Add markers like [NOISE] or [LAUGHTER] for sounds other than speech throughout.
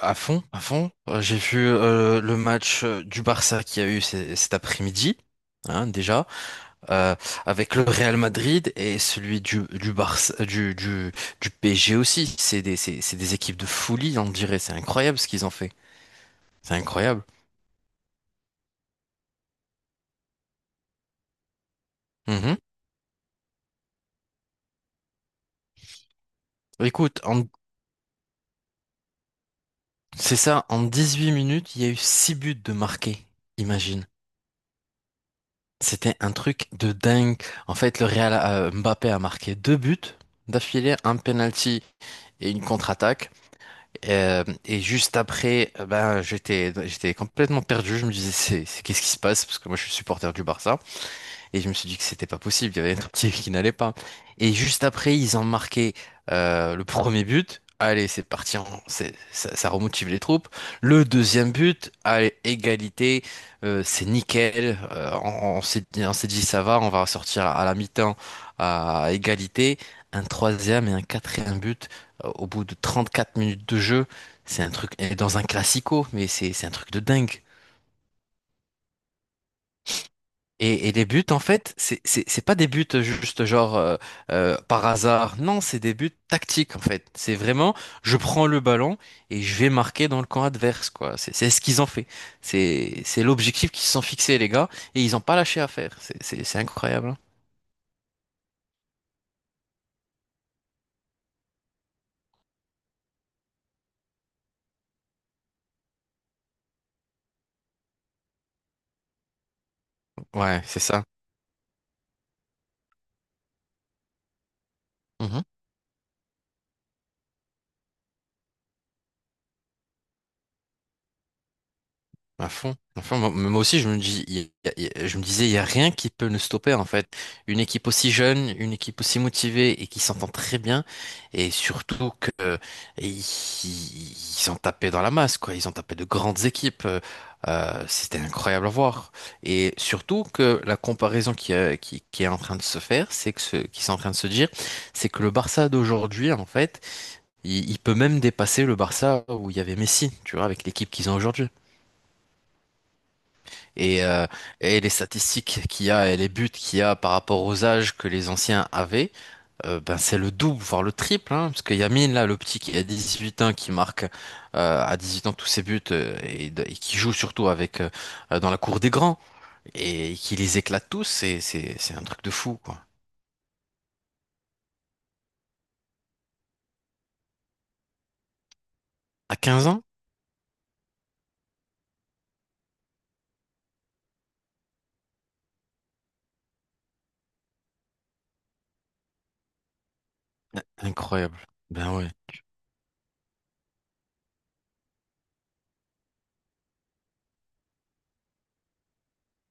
À fond, à fond. J'ai vu le match du Barça qu'il y a eu cet après-midi, hein, déjà, euh, avec le Real Madrid et celui du Barça, du PSG aussi. C'est des c'est des équipes de folie, on dirait. C'est incroyable ce qu'ils ont fait. C'est incroyable. Mhm. Écoute, c'est ça. En 18 minutes, il y a eu 6 buts de marqués. Imagine. C'était un truc de dingue. En fait, le Real Mbappé a marqué deux buts d'affilée, un penalty et une contre-attaque. Et juste après, j'étais complètement perdu. Je me disais, qu'est-ce qui se passe? Parce que moi, je suis supporter du Barça. Et je me suis dit que c'était pas possible, il y avait un truc qui n'allait pas. Et juste après, ils ont marqué le premier but. Allez, c'est parti, ça, ça remotive les troupes. Le deuxième but, allez, égalité, c'est nickel. On s'est dit, ça va, on va sortir à la mi-temps à égalité. Un troisième et un quatrième but au bout de 34 minutes de jeu. C'est un truc, et dans un classico, mais c'est un truc de dingue. Et les buts, en fait, c'est pas des buts juste genre par hasard. Non, c'est des buts tactiques, en fait. C'est vraiment, je prends le ballon et je vais marquer dans le camp adverse, quoi. C'est ce qu'ils ont fait. C'est l'objectif qu'ils se sont fixés, les gars, et ils ont pas lâché à faire. C'est incroyable, hein. Ouais, c'est ça. À fond. À fond. Moi aussi, je me dis, je me disais, il n'y a rien qui peut nous stopper, en fait. Une équipe aussi jeune, une équipe aussi motivée et qui s'entend très bien. Et surtout que, ils, ils ont tapé dans la masse, quoi. Ils ont tapé de grandes équipes. C'était incroyable à voir. Et surtout que la comparaison qui est en train de se faire, qui sont en train de se dire, c'est que le Barça d'aujourd'hui, en fait, il peut même dépasser le Barça où il y avait Messi, tu vois, avec l'équipe qu'ils ont aujourd'hui et, euh, et les statistiques qu'il y a et les buts qu'il y a par rapport aux âges que les anciens avaient, ben c'est le double, voire le triple, hein, parce que Yamine, là, le petit qui a 18 ans, qui marque à 8 ans tous ses buts et qui joue surtout avec dans la cour des grands et qui les éclate tous, c'est un truc de fou, quoi. À 15 ans? Incroyable. Ben ouais.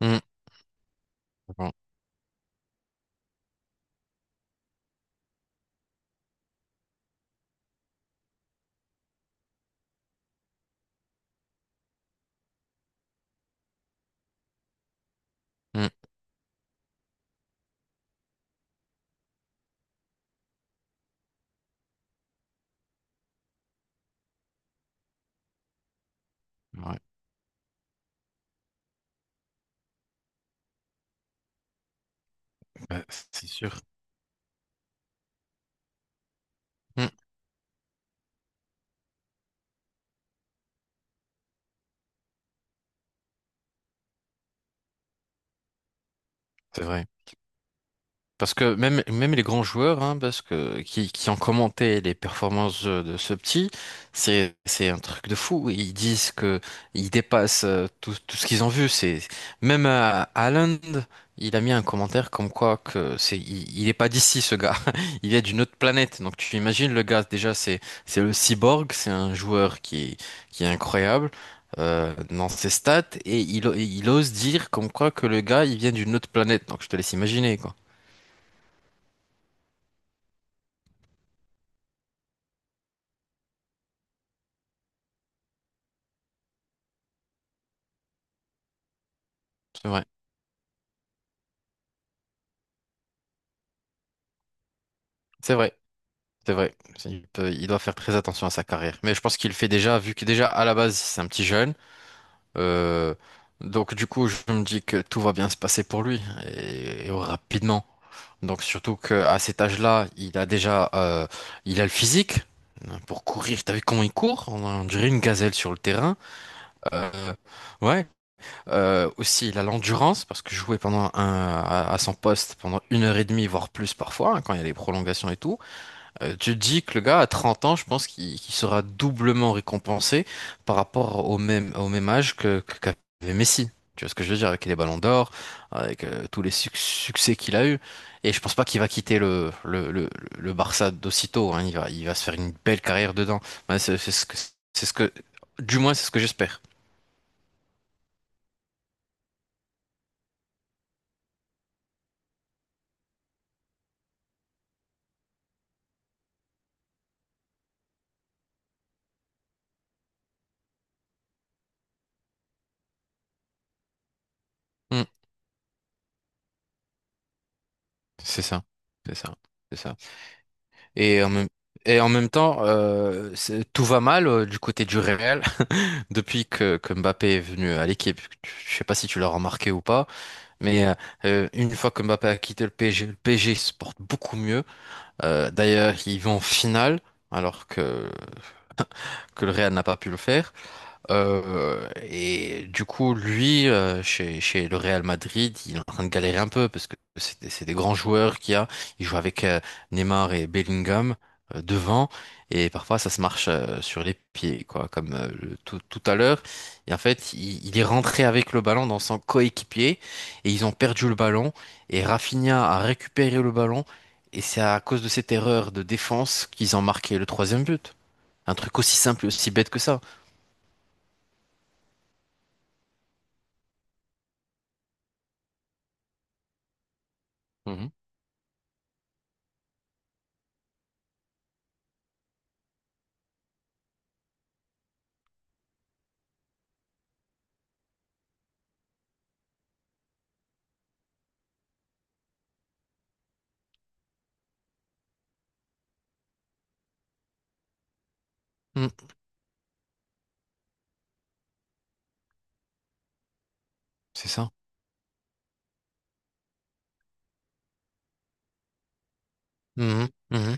Mm. Bon. Mm. Ouais. Ben, c'est sûr. Mm. C'est vrai. Parce que même, même les grands joueurs, hein, qui ont commenté les performances de ce petit, c'est un truc de fou. Ils disent que ils dépassent tout ce qu'ils ont vu. C'est, même Haaland, il a mis un commentaire comme quoi que il est pas d'ici, ce gars. [LAUGHS] Il est d'une autre planète. Donc tu imagines le gars, déjà, c'est le cyborg, c'est un joueur qui est incroyable. Dans ses stats et il ose dire comme quoi que le gars il vient d'une autre planète, donc je te laisse imaginer quoi. C'est C'est vrai, c'est vrai. Il doit faire très attention à sa carrière. Mais je pense qu'il le fait déjà, vu que déjà à la base, c'est un petit jeune. Euh, donc du coup, je me dis que tout va bien se passer pour lui et rapidement. Donc surtout qu'à cet âge-là, il a déjà, il a le physique, hein, pour courir. T'as vu comment il court? On dirait une gazelle sur le terrain. Euh, ouais. Aussi, il a l'endurance parce que jouer pendant à son poste pendant une heure et demie, voire plus parfois, hein, quand il y a des prolongations et tout. Tu te dis que le gars à 30 ans, je pense qu'il sera doublement récompensé par rapport au même âge qu'avait Messi. Tu vois ce que je veux dire avec les ballons d'or, avec tous les succès qu'il a eu. Et je pense pas qu'il va quitter le Barça d'aussitôt, hein. Il va se faire une belle carrière dedans. Ouais, c'est ce que, du moins, c'est ce que j'espère. Hmm. C'est ça. C'est ça. C'est ça. Et en même, et en même temps, tout va mal du côté du Real. Depuis que Mbappé est venu à l'équipe, je sais pas si tu l'as remarqué ou pas, mais une fois que Mbappé a quitté le PSG, le PSG se porte beaucoup mieux. D'ailleurs, ils vont en finale, alors que le Real n'a pas pu le faire. Et du coup, lui, chez le Real Madrid, il est en train de galérer un peu parce que c'est des grands joueurs qu'il y a. Il joue avec Neymar et Bellingham devant et parfois ça se marche sur les pieds, quoi, comme tout à l'heure. Et en fait, il est rentré avec le ballon dans son coéquipier et ils ont perdu le ballon et Rafinha a récupéré le ballon et c'est à cause de cette erreur de défense qu'ils ont marqué le troisième but. Un truc aussi simple et aussi bête que ça. Mhm. Mm. C'est ça. Mhm, mhm.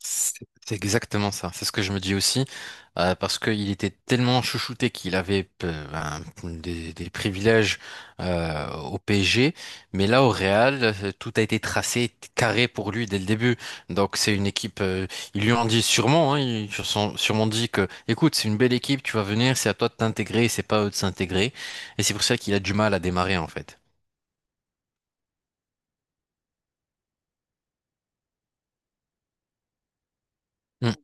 C'est exactement ça. C'est ce que je me dis aussi. Parce qu'il était tellement chouchouté qu'il avait des privilèges au PSG. Mais là, au Real, tout a été tracé carré pour lui dès le début. Donc, c'est une équipe. Ils lui ont dit sûrement, hein, ils lui ont sûrement dit que, écoute, c'est une belle équipe, tu vas venir, c'est à toi de t'intégrer, c'est pas à eux de s'intégrer. Et c'est pour ça qu'il a du mal à démarrer, en fait. Mhm.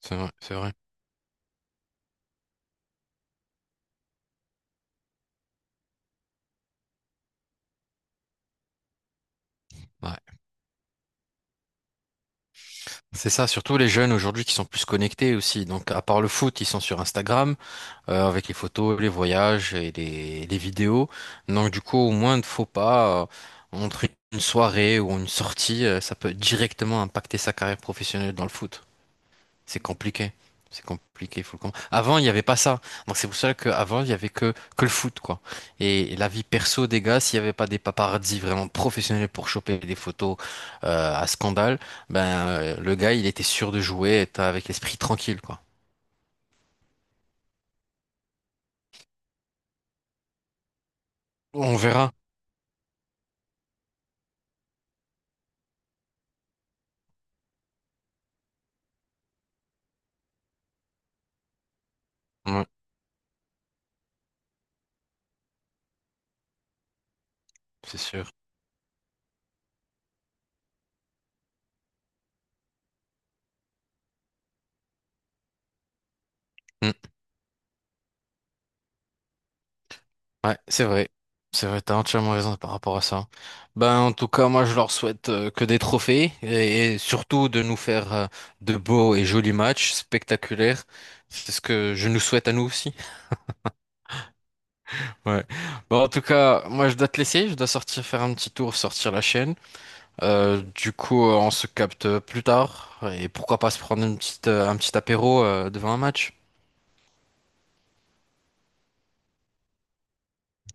C'est vrai, c'est vrai. Ouais. C'est ça, surtout les jeunes aujourd'hui qui sont plus connectés aussi. Donc, à part le foot, ils sont sur Instagram avec les photos, les voyages et les vidéos. Donc, du coup, au moins, ne faut pas entre une soirée ou une sortie, ça peut directement impacter sa carrière professionnelle dans le foot. C'est compliqué. C'est compliqué, faut le comprendre. Avant, il n'y avait pas ça. Donc c'est pour ça qu'avant, il y avait que le foot, quoi. Et la vie perso des gars, s'il n'y avait pas des paparazzis vraiment professionnels pour choper des photos à scandale, le gars, il était sûr de jouer, être avec l'esprit tranquille, quoi. On verra. Ouais, c'est sûr. Ouais, c'est vrai. C'est vrai, t'as entièrement raison par rapport à ça. Ben, en tout cas, moi, je leur souhaite que des trophées et surtout de nous faire de beaux et jolis matchs spectaculaires. C'est ce que je nous souhaite à nous aussi. [LAUGHS] Ouais. Bon, en tout cas, moi, je dois te laisser. Je dois sortir faire un petit tour, sortir la chaîne. Du coup, on se capte plus tard et pourquoi pas se prendre une petite, un petit apéro devant un match.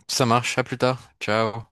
Ça marche, à plus tard. Ciao.